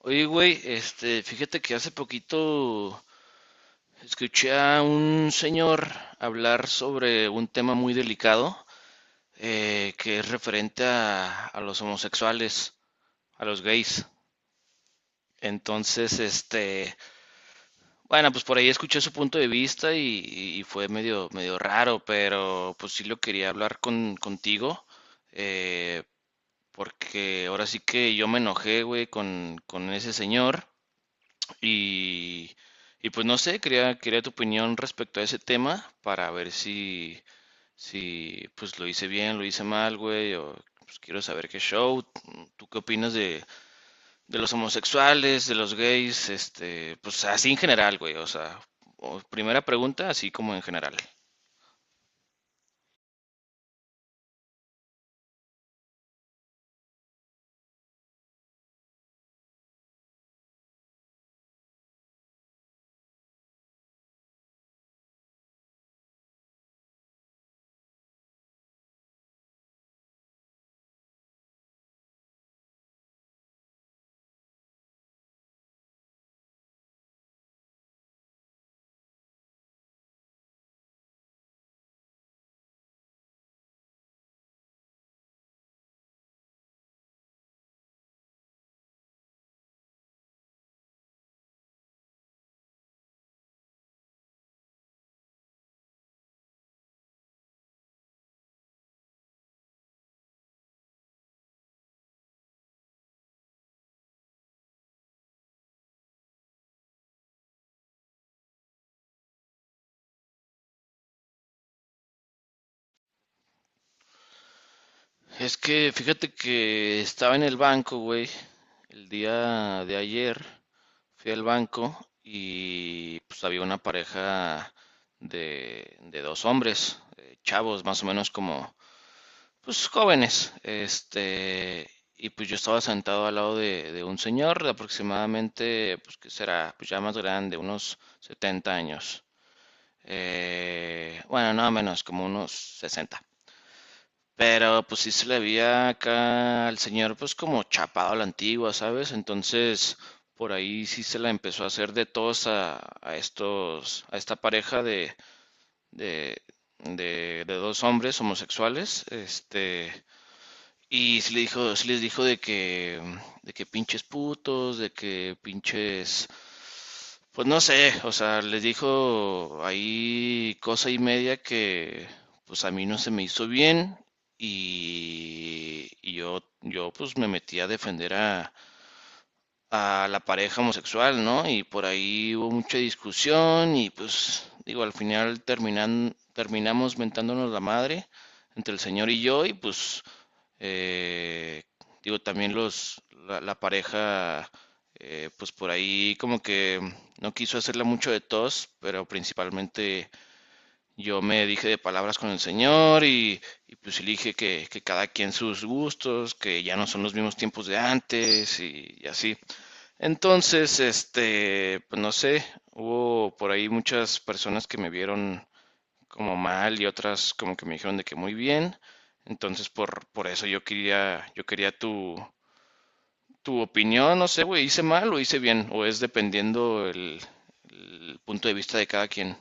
Oye, güey, este, fíjate que hace poquito escuché a un señor hablar sobre un tema muy delicado, que es referente a los homosexuales, a los gays. Entonces, este, bueno, pues por ahí escuché su punto de vista y fue medio raro, pero pues sí lo quería hablar contigo, eh, porque ahora sí que yo me enojé, güey, con ese señor. Y, y pues no sé, quería tu opinión respecto a ese tema para ver si pues lo hice bien, lo hice mal, güey, o pues quiero saber qué show. ¿Tú qué opinas de los homosexuales, de los gays, este, pues así en general, güey, o sea, primera pregunta, así como en general. Es que fíjate que estaba en el banco, güey, el día de ayer fui al banco y pues había una pareja de dos hombres, chavos, más o menos como, pues jóvenes, este, y pues yo estaba sentado al lado de un señor de aproximadamente, pues que será, pues ya más grande, unos 70 años. Bueno, no menos, como unos 60. Pero pues sí se le veía acá al señor pues como chapado a la antigua, ¿sabes? Entonces por ahí sí se la empezó a hacer de todos a estos, a esta pareja de, de dos hombres homosexuales, este, sí les dijo de que pinches putos, de que pinches pues no sé, o sea, les dijo ahí cosa y media que pues a mí no se me hizo bien y yo pues me metí a defender a la pareja homosexual, ¿no? Y por ahí hubo mucha discusión y pues digo, al final terminamos mentándonos la madre entre el señor y yo y pues eh, digo, también la pareja pues por ahí como que no quiso hacerla mucho de tos, pero principalmente yo me dije de palabras con el señor y pues le dije que cada quien sus gustos, que ya no son los mismos tiempos de antes y así. Entonces, este, pues no sé, hubo por ahí muchas personas que me vieron como mal y otras como que me dijeron de que muy bien. Entonces, por eso yo quería tu opinión, no sé, güey, hice mal o hice bien, o es dependiendo el punto de vista de cada quien.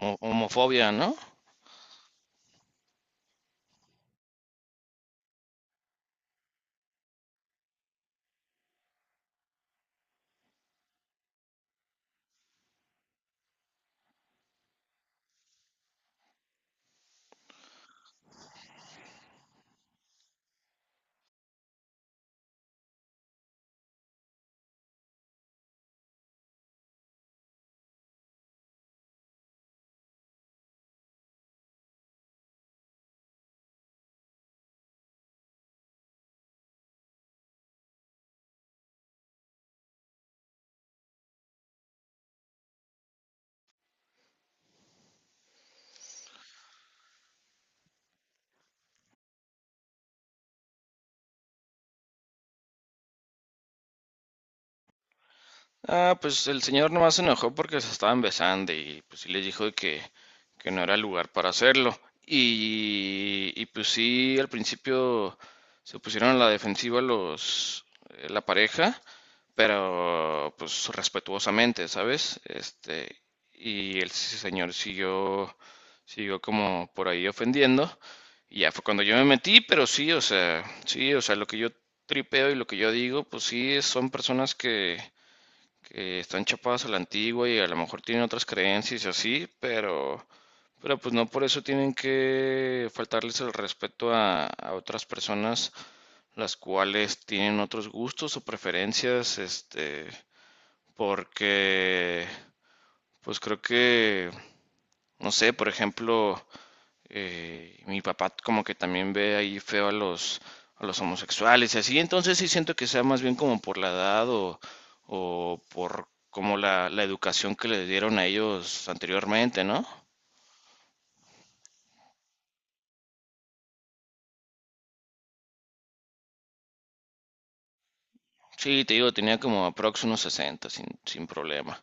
Homofobia, ¿no? Ah, pues el señor nomás se enojó porque se estaban besando y pues sí les dijo de que no era el lugar para hacerlo. Y pues sí, al principio se pusieron a la defensiva los, la pareja, pero pues respetuosamente, ¿sabes? Este, y el señor siguió como por ahí ofendiendo. Y ya fue cuando yo me metí, pero sí, o sea, lo que yo tripeo y lo que yo digo, pues sí, son personas que están chapadas a la antigua y a lo mejor tienen otras creencias y así, pero pues no por eso tienen que faltarles el respeto a otras personas las cuales tienen otros gustos o preferencias, este, porque pues creo que no sé, por ejemplo, mi papá como que también ve ahí feo a los homosexuales y así, entonces sí siento que sea más bien como por la edad o por como la educación que le dieron a ellos anteriormente, ¿no? Sí, te digo, tenía como aprox unos 60 sin problema.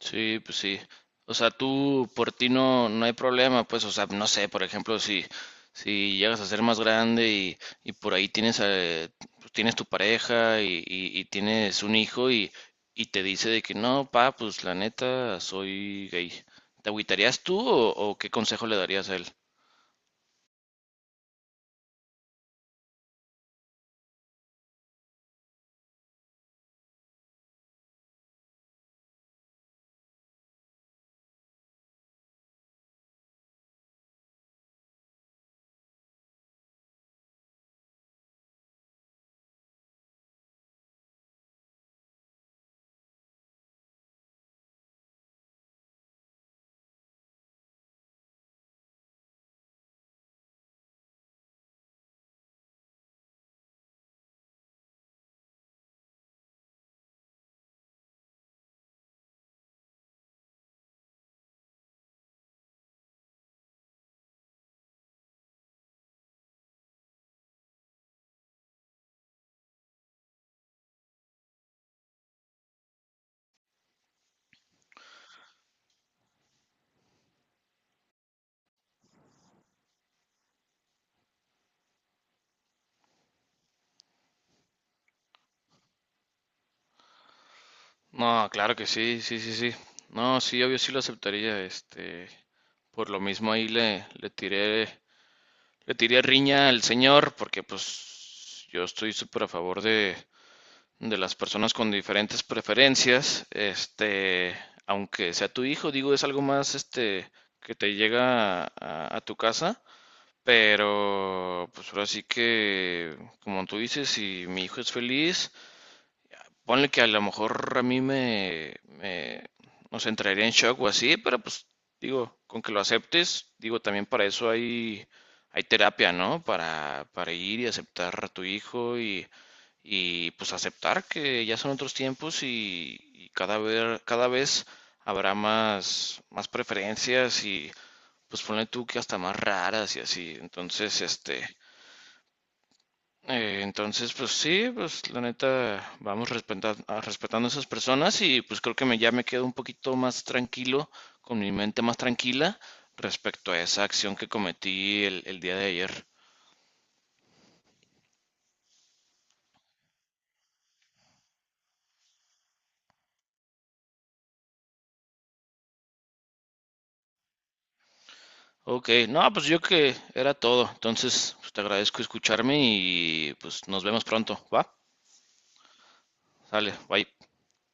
Sí, pues sí. O sea, tú por ti no, no hay problema, pues, o sea, no sé, por ejemplo, si, si llegas a ser más grande y por ahí tienes, pues, tienes tu pareja y tienes un hijo y te dice de que no, pa, pues la neta, soy gay. ¿Te agüitarías tú o qué consejo le darías a él? No, claro que sí, sí, sí, sí. No, sí, obvio sí lo aceptaría, este, por lo mismo ahí le tiré. Le tiré riña al señor porque pues yo estoy súper a favor de las personas con diferentes preferencias. Este, aunque sea tu hijo, digo, es algo más este que te llega a tu casa. Pero pues ahora sí que, como tú dices, si mi hijo es feliz, ponle que a lo mejor a mí no entraría en shock o así, pero pues digo, con que lo aceptes, digo, también para eso hay terapia, ¿no? Para ir y aceptar a tu hijo y pues aceptar que ya son otros tiempos y cada vez habrá más, más preferencias y pues ponle tú que hasta más raras y así. Entonces, este, entonces, pues sí, pues la neta, vamos respetando a esas personas y pues creo que me, ya me quedo un poquito más tranquilo, con mi mente más tranquila respecto a esa acción que cometí el día de ayer. Ok, no, pues yo que era todo. Entonces, pues te agradezco escucharme y pues nos vemos pronto, ¿va? Sale, bye.